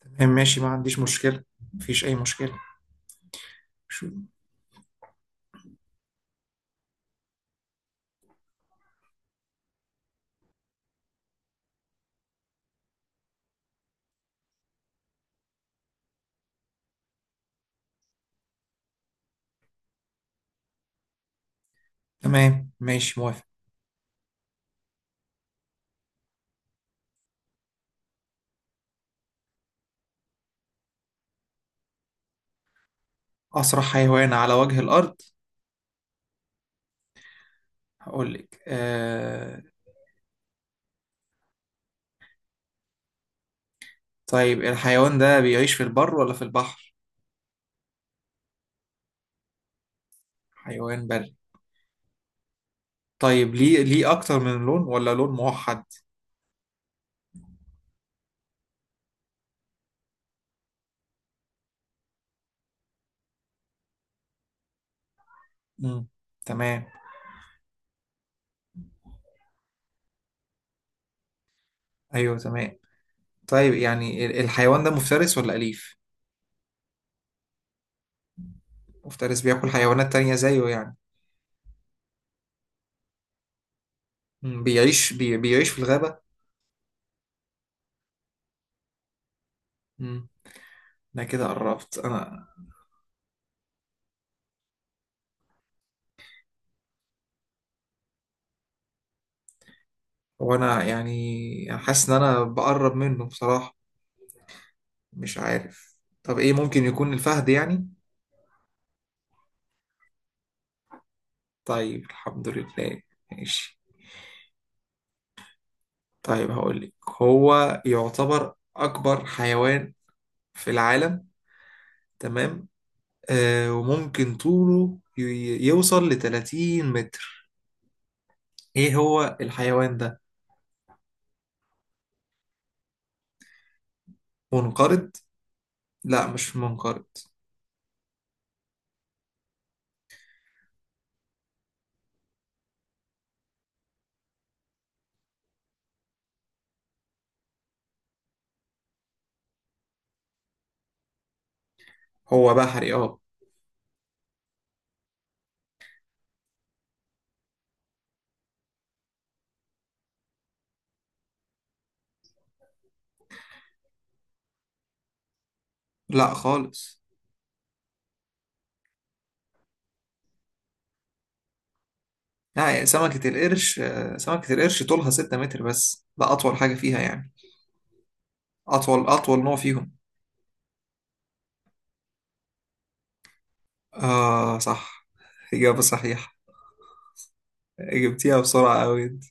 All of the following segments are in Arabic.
تمام، ماشي، ما عنديش مشكلة. مفيش أي مشكلة. شو. تمام، ماشي، موافق. أسرع حيوان على وجه الأرض؟ هقول لك طيب الحيوان ده بيعيش في البر ولا في البحر؟ حيوان بري. طيب ليه أكتر من لون ولا لون موحد؟ مم. تمام. أيوه، تمام. طيب يعني الحيوان ده مفترس ولا أليف؟ مفترس، بياكل حيوانات تانية زيه يعني. مم. بيعيش في الغابة؟ مم. أنا كده قربت أنا. وأنا يعني حاسس إن أنا بقرب منه بصراحة. مش عارف. طب ايه، ممكن يكون الفهد يعني؟ طيب، الحمد لله. ماشي. طيب هقول لك، هو يعتبر اكبر حيوان في العالم. تمام. وممكن طوله يوصل ل 30 متر. ايه هو الحيوان ده؟ منقرض؟ لا، مش منقرض. هو بحري، اه. لا خالص. لا يعني، سمكة القرش سمكة القرش طولها 6 متر، بس ده أطول حاجة فيها يعني. أطول أطول نوع فيهم. آه صح، إجابة صحيحة. جبتيها بسرعة أوي أنت.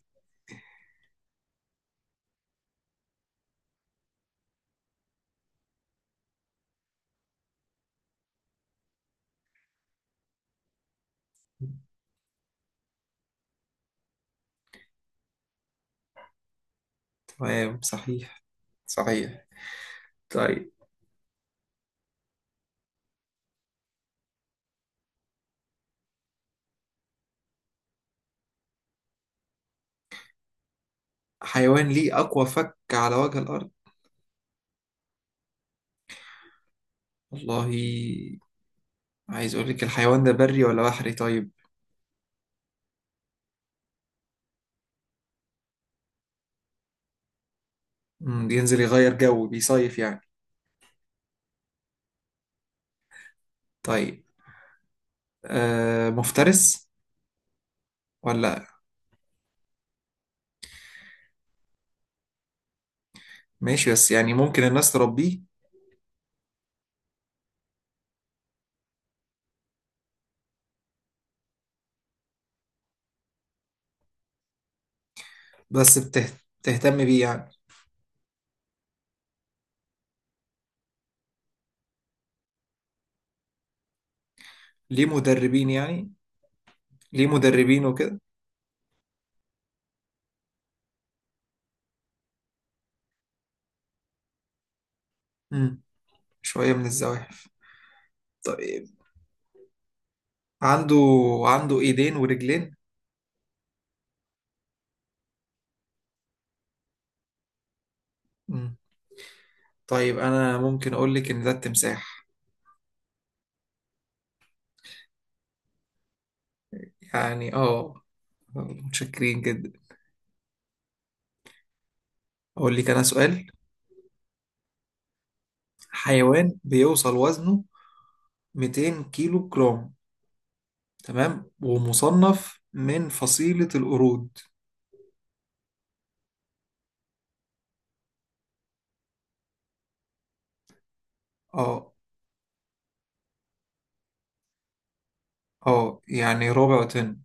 تمام، صحيح. صحيح. طيب، حيوان ليه أقوى فك على وجه الأرض؟ والله، عايز أقول لك، الحيوان ده بري ولا بحري طيب؟ مم، بينزل يغير جو، بيصيف يعني. طيب، مفترس ولا؟ ماشي، بس يعني ممكن الناس تربيه. بس بتهتم بيه يعني. ليه مدربين يعني؟ ليه مدربين وكده؟ مم، شوية من الزواحف. طيب. عنده. عنده ايدين ورجلين. مم. طيب انا ممكن اقول لك ان ده التمساح. يعني اه، متشكرين جدا. اقول لك انا سؤال. حيوان بيوصل وزنه 200 كيلو جرام، تمام، ومصنف من فصيلة القرود. اه، اه يعني رابع وتن.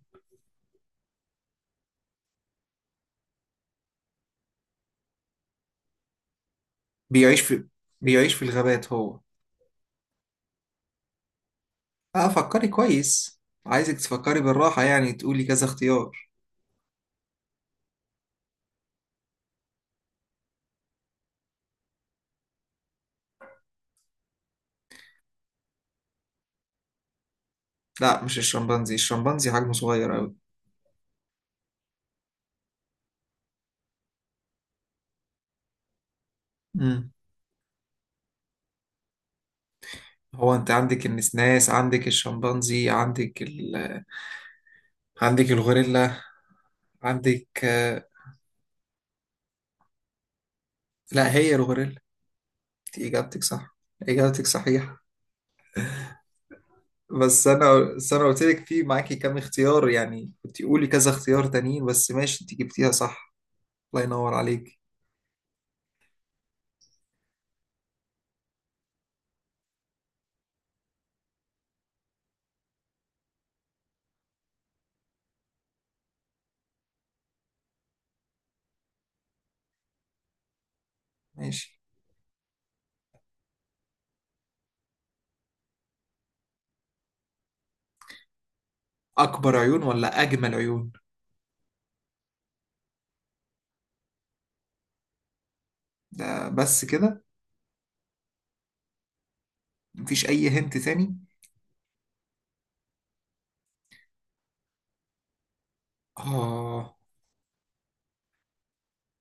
بيعيش في بيعيش في الغابات هو. اه، فكري كويس. عايزك تفكري بالراحة، يعني تقولي كذا اختيار. لا مش الشمبانزي، الشمبانزي حجمه صغير قوي. مم. هو انت عندك النسناس، عندك الشمبانزي، عندك. عندك الغوريلا. عندك. لا هي الغوريلا. انت اجابتك صح، اجابتك صحيحة. بس انا قلت لك في معاكي كام اختيار، يعني كنت قولي كذا اختيار تانيين، بس ماشي انت جبتيها صح. الله ينور عليك. ماشي. اكبر عيون ولا اجمل عيون؟ ده بس كده؟ مفيش اي هنت تاني؟ اه.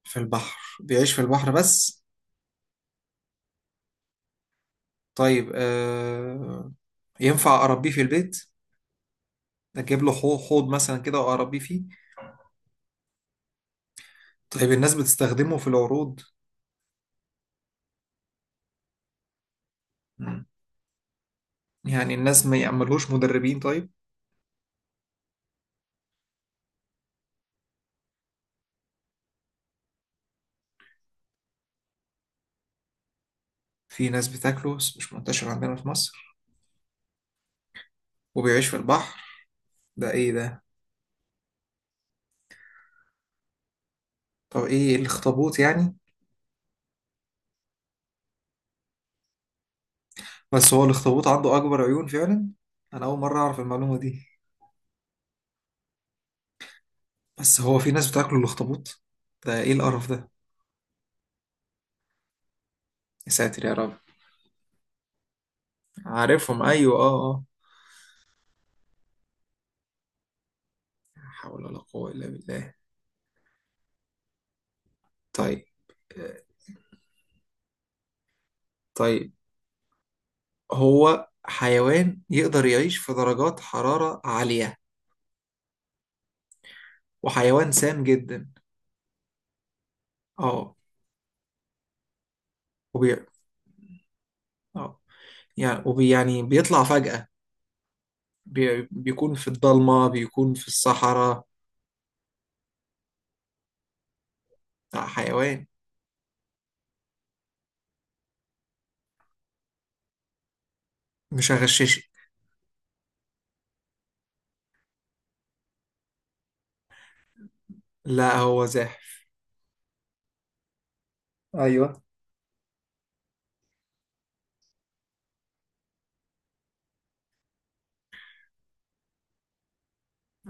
في البحر بيعيش في البحر بس. طيب ينفع اربيه في البيت؟ اجيب له حوض مثلا كده واربيه فيه. طيب الناس بتستخدمه في العروض؟ مم. يعني الناس ما يعملوش مدربين طيب؟ في ناس بتاكله بس مش منتشر عندنا في مصر. وبيعيش في البحر. ده ايه ده؟ طب ايه، الاخطبوط يعني؟ بس هو الاخطبوط عنده اكبر عيون فعلا. انا اول مرة اعرف المعلومة دي. بس هو في ناس بتاكله الاخطبوط؟ ده ايه القرف ده؟ يا ساتر يا رب. عارفهم، ايوه اه. اه. لا حول ولا قوة الا بالله. طيب. آه، طيب هو حيوان يقدر يعيش في درجات حرارة عالية وحيوان سام جدا. اه. وبي... اه يعني يعني بيطلع فجأة. بيكون في الضلمة، بيكون في الصحراء. لا حيوان. مش هغششك. لا هو زاحف. ايوه.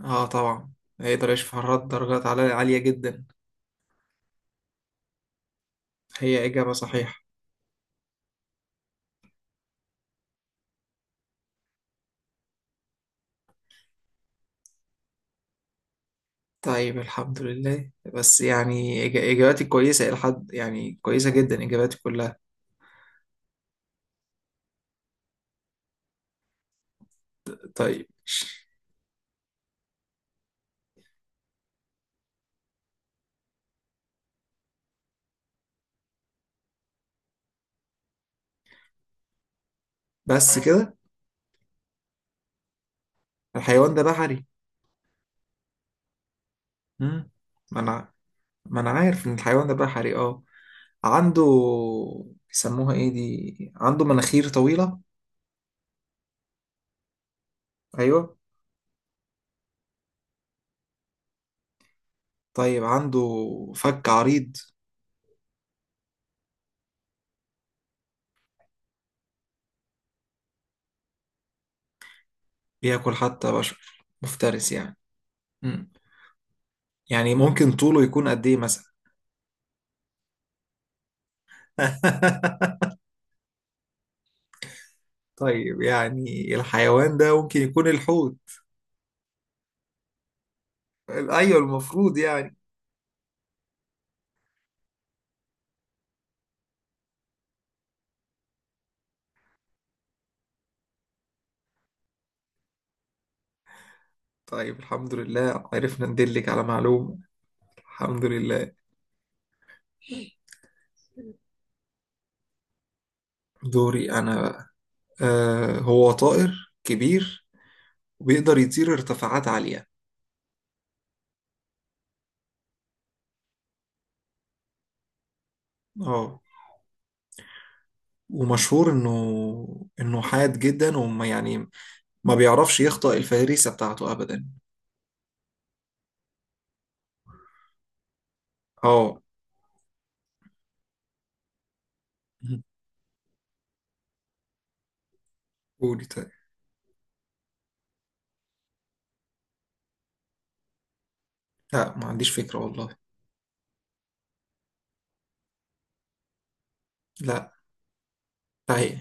اه طبعا، هيقدر يشوف حرارة درجات عالية جدا. هي إجابة صحيحة. طيب الحمد لله، بس يعني إجاباتي كويسة إلى حد، يعني كويسة جدا إجاباتي كلها. طيب. بس كده. الحيوان ده بحري. مم. ما أنا. ما أنا عارف إن الحيوان ده بحري اه. عنده. بيسموها ايه دي، عنده مناخير طويلة. ايوه. طيب عنده فك عريض. بياكل حتى بشر، مفترس يعني. مم. يعني ممكن طوله يكون قد ايه مثلا؟ طيب يعني الحيوان ده ممكن يكون الحوت. ايوه المفروض يعني. طيب الحمد لله عرفنا ندلك على معلومة. الحمد لله. دوري انا بقى. هو طائر كبير وبيقدر يطير ارتفاعات عالية. اه. ومشهور انه حاد جدا، وما يعني ما بيعرفش يخطئ الفريسة بتاعته ابدا. اه. قولي طيب. لا ما عنديش فكرة والله. لا. طيب.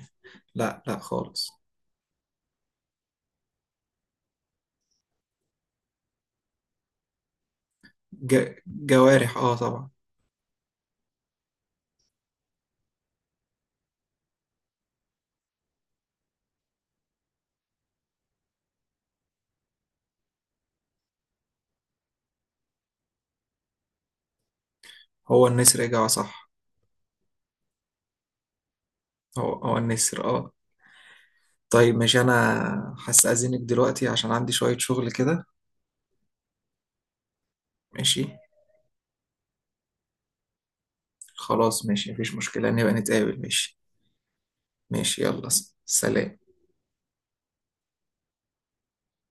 لا لا خالص. جوارح اه طبعا. هو النسر، اجابة صح. هو النسر اه. طيب ماشي انا هستأذنك دلوقتي عشان عندي شوية شغل كده. ماشي. خلاص، ماشي، مفيش مشكلة، نبقى نتقابل. ماشي. ماشي، يلا سلام.